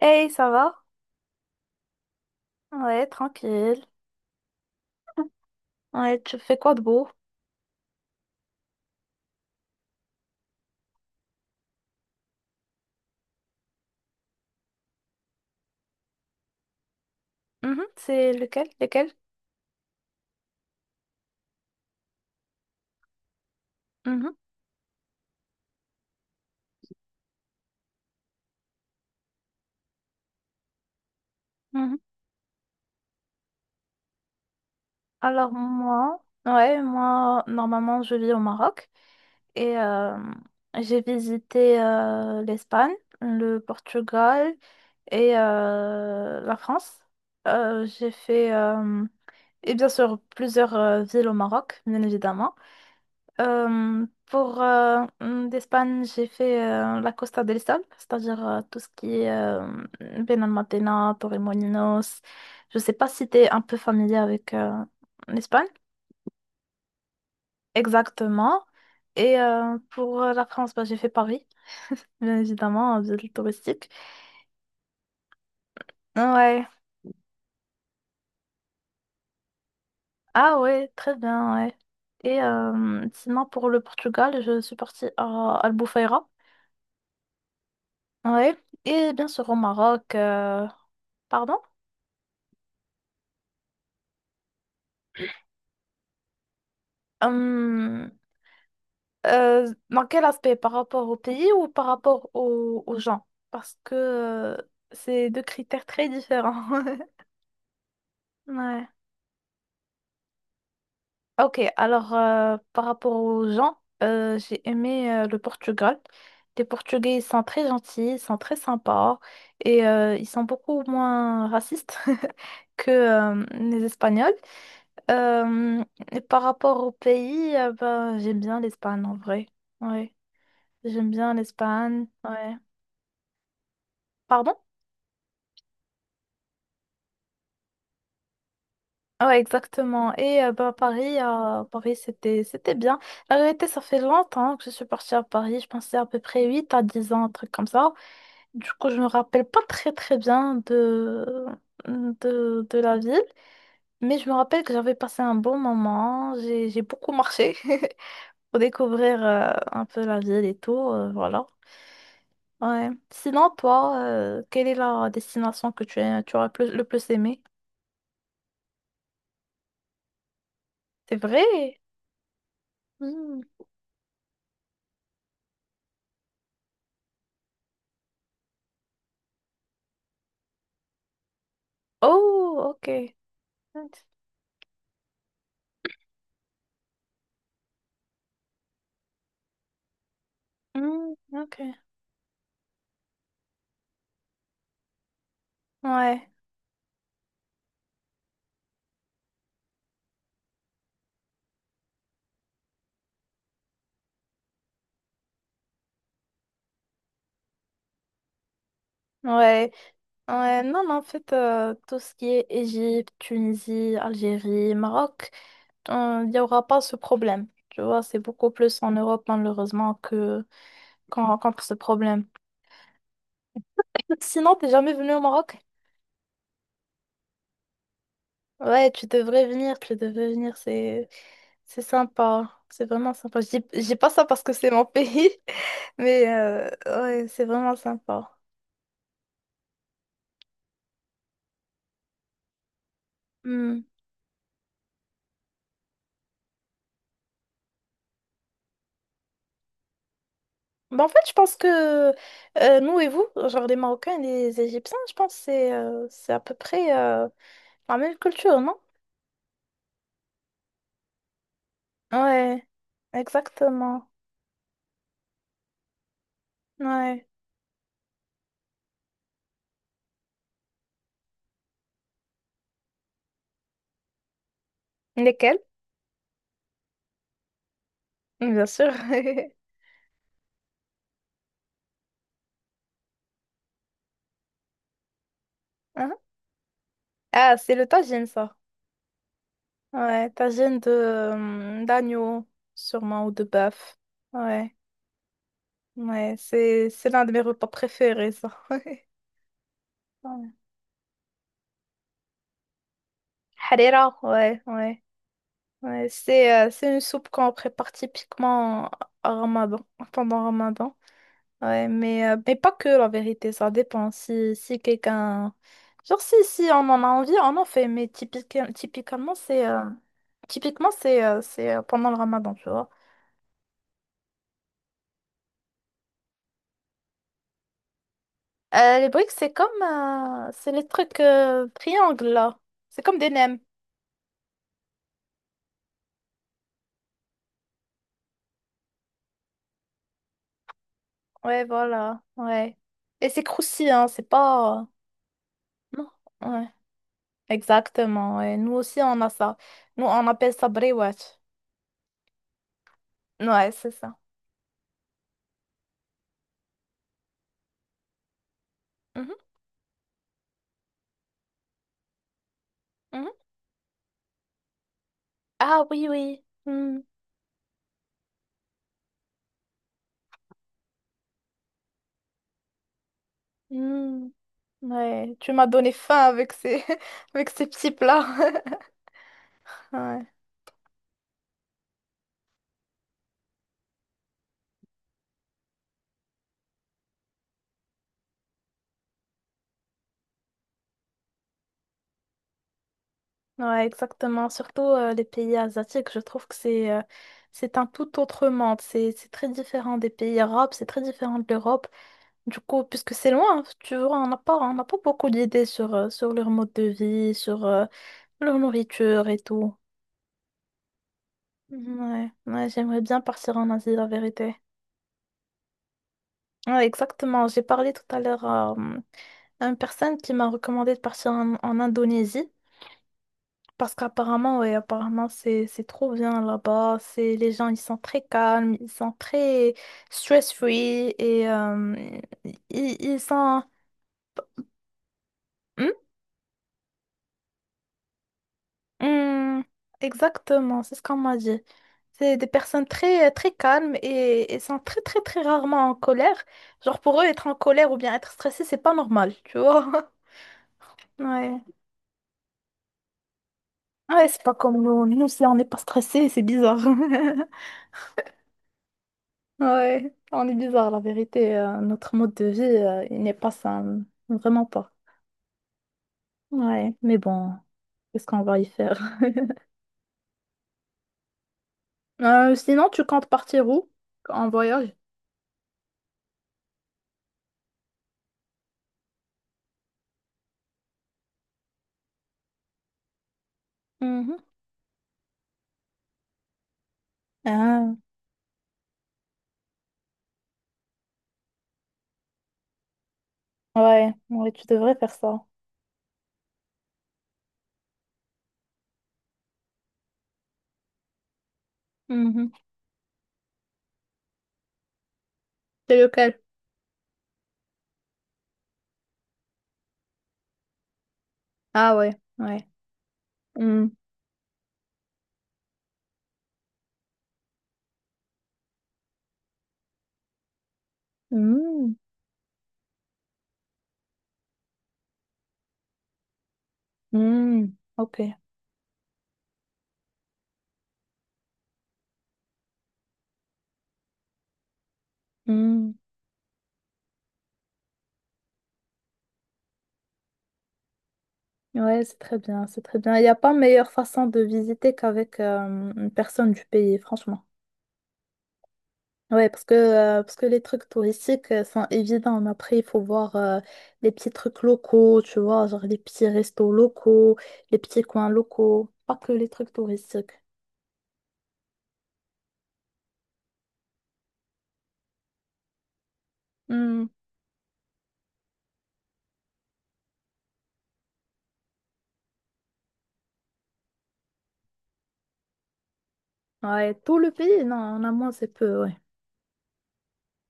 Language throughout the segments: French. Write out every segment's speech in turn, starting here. Hey, ça va? Ouais, tranquille. Ouais, tu fais quoi de beau? Mhm, c'est lequel? Lequel? Mhm, mhm. Alors moi, ouais, moi, normalement, je vis au Maroc et j'ai visité l'Espagne, le Portugal et la France. J'ai fait, et bien sûr, plusieurs villes au Maroc, bien évidemment. Pour d'Espagne, j'ai fait la Costa del Sol, c'est-à-dire tout ce qui est Benalmádena, Torremolinos. Je sais pas si tu es un peu familier avec l'Espagne. Exactement. Et pour la France, bah, j'ai fait Paris, bien évidemment, en ville touristique. Ouais. Ah ouais, très bien, ouais. Et sinon, pour le Portugal, je suis partie à Albufeira. Ouais. Et bien sûr au Maroc. Pardon? Hum, dans quel aspect? Par rapport au pays ou par rapport aux gens? Parce que c'est deux critères très différents. Ouais. Ok, alors par rapport aux gens, j'ai aimé le Portugal. Les Portugais, ils sont très gentils, ils sont très sympas et ils sont beaucoup moins racistes que les Espagnols. Euh, et par rapport au pays, ben, j'aime bien l'Espagne en vrai. Ouais. J'aime bien l'Espagne, ouais. Pardon? Ouais, exactement. Et bah, Paris, Paris c'était bien. La vérité, ça fait longtemps que je suis partie à Paris. Je pensais à peu près 8 à 10 ans, un truc comme ça. Du coup, je me rappelle pas très très bien de la ville. Mais je me rappelle que j'avais passé un bon moment. J'ai beaucoup marché pour découvrir un peu la ville et tout. Voilà. Ouais. Sinon, toi, quelle est la destination que tu aurais le plus aimé? C'est vrai? Hmm. Oh, ok. Hmm, ok. Ouais. Ouais. Ouais. Non, mais en fait, tout ce qui est Égypte, Tunisie, Algérie, Maroc, il n'y aura pas ce problème. Tu vois, c'est beaucoup plus en Europe, malheureusement, que qu'on rencontre ce problème. Sinon, t'es jamais venu au Maroc? Ouais, tu devrais venir, c'est sympa. C'est vraiment sympa. Je dis pas ça parce que c'est mon pays, mais ouais, c'est vraiment sympa. Bah, en fait, je pense que nous et vous, genre les Marocains et les Égyptiens, je pense que c'est à peu près la même culture, non? Ouais, exactement. Ouais. Lesquels? Bien sûr. Hein. Ah, c'est le tagine, ça. Ouais, tagine de d'agneau, sûrement, ou de bœuf. Ouais, ouais, c'est l'un de mes repas préférés, ça. Ouais. Harira, ouais, ouais. Ouais, c'est une soupe qu'on prépare typiquement à Ramadan, pendant Ramadan. Ouais, mais pas que la vérité, ça dépend. Si quelqu'un. Genre, si on en a envie, on en fait. Mais typiquement, c'est typiquement, c'est pendant le ramadan, tu vois. Les briques, c'est comme, c'est les trucs triangles, là. C'est comme des nems. Ouais, voilà. Ouais. Et c'est croustillant, hein, c'est pas. Non. Ouais. Exactement. Ouais. Nous aussi, on a ça. Nous, on appelle ça briwat. Ouais, c'est ça. Mhm, mhm. Ah oui, oui. Hmm, hmm. Ouais, tu m'as donné faim avec avec ces petits plats. Ouais, ouais, exactement. Surtout les pays asiatiques, je trouve que c'est un tout autre monde. C'est très différent des pays arabes, c'est très différent de l'Europe. Du coup, puisque c'est loin, tu vois, on n'a pas beaucoup d'idées sur leur mode de vie, sur leur nourriture et tout. Ouais, ouais, j'aimerais bien partir en Asie, la vérité. Ouais, exactement. J'ai parlé tout à l'heure à à une personne qui m'a recommandé de partir en Indonésie. Parce qu'apparemment, ouais, apparemment, c'est trop bien là-bas. C'est les gens, ils sont très calmes, ils sont très stress-free et ils sont. Hmm? Hmm, exactement, c'est ce qu'on m'a dit. C'est des personnes très très calmes et sont très très très rarement en colère. Genre pour eux, être en colère ou bien être stressé, c'est pas normal, tu vois. Ouais. Ouais, c'est pas comme nous. Nous, si on n'est pas stressé, c'est bizarre. Ouais, on est bizarre, la vérité. Notre mode de vie, il n'est pas sain. Vraiment pas. Ouais, mais bon, qu'est-ce qu'on va y faire? Sinon, tu comptes partir où? En voyage? Mhm. Ah, ouais, ouais, tu devrais faire ça. Mhm. C'est lequel? Ah ouais, ouais. Mm. Mm. Mm. Ok. Mm. Ouais, c'est très bien, c'est très bien. Il n'y a pas meilleure façon de visiter qu'avec une personne du pays, franchement. Ouais, parce que les trucs touristiques sont évidents, mais après, il faut voir les petits trucs locaux, tu vois, genre les petits restos locaux, les petits coins locaux, pas que les trucs touristiques. Hmm. Ouais, tout le pays, non, en amont, c'est peu, ouais.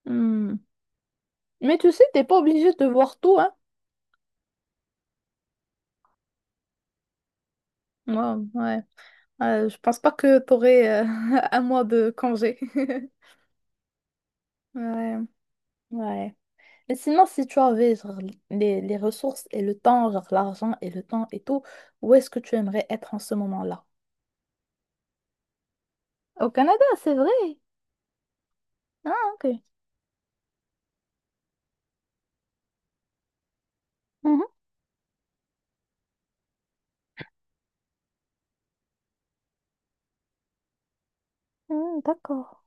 Hmm. Mais tu sais, t'es pas obligé de voir tout, hein? Ouais, ouais. Je pense pas que t'aurais un mois de congé. Ouais, ouais. Mais sinon, si tu avais genre, les ressources et le temps, genre l'argent et le temps et tout, où est-ce que tu aimerais être en ce moment-là? Au Canada, c'est vrai. Ah, ok. Mhm. Mm, d'accord.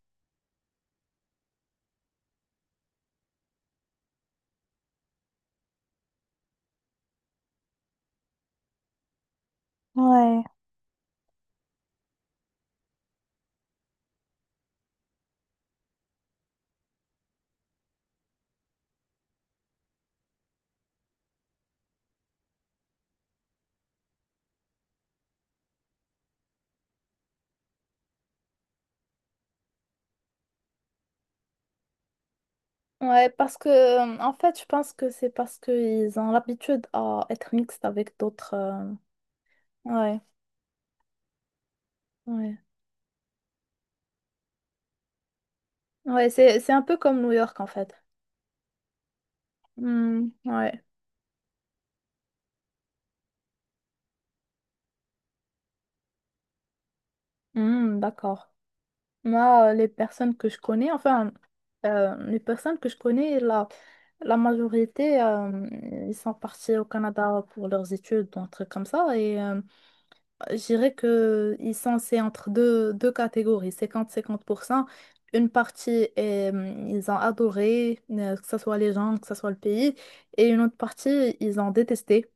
Ouais. Ouais, parce que en fait, je pense que c'est parce qu'ils ont l'habitude à être mixtes avec d'autres. Ouais, ouais. Ouais, c'est un peu comme New York en fait. Hmm, ouais. Hmm, d'accord. Moi, les personnes que je connais, enfin, les personnes que je connais là. La majorité, ils sont partis au Canada pour leurs études, un truc comme ça. Et je dirais que ils sont c'est entre deux catégories, 50-50%. Une partie, ils ont adoré, que ce soit les gens, que ce soit le pays. Et une autre partie, ils ont détesté.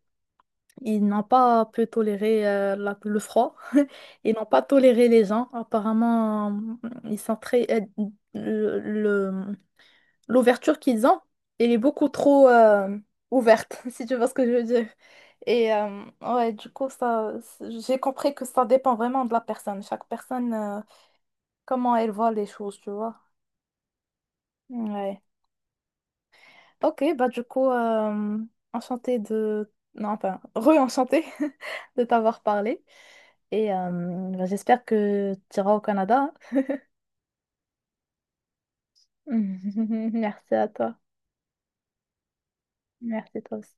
Ils n'ont pas pu tolérer le froid. Ils n'ont pas toléré les gens. Apparemment, ils sont très. euh, le, l'ouverture qu'ils ont, elle est beaucoup trop ouverte, si tu vois ce que je veux dire. Et ouais, du coup, ça, j'ai compris que ça dépend vraiment de la personne. Chaque personne, comment elle voit les choses, tu vois. Ouais. Ok, bah du coup, enchantée de, non, enfin, re-enchantée de t'avoir parlé. Et bah, j'espère que tu iras au Canada. Merci à toi. Merci toi aussi.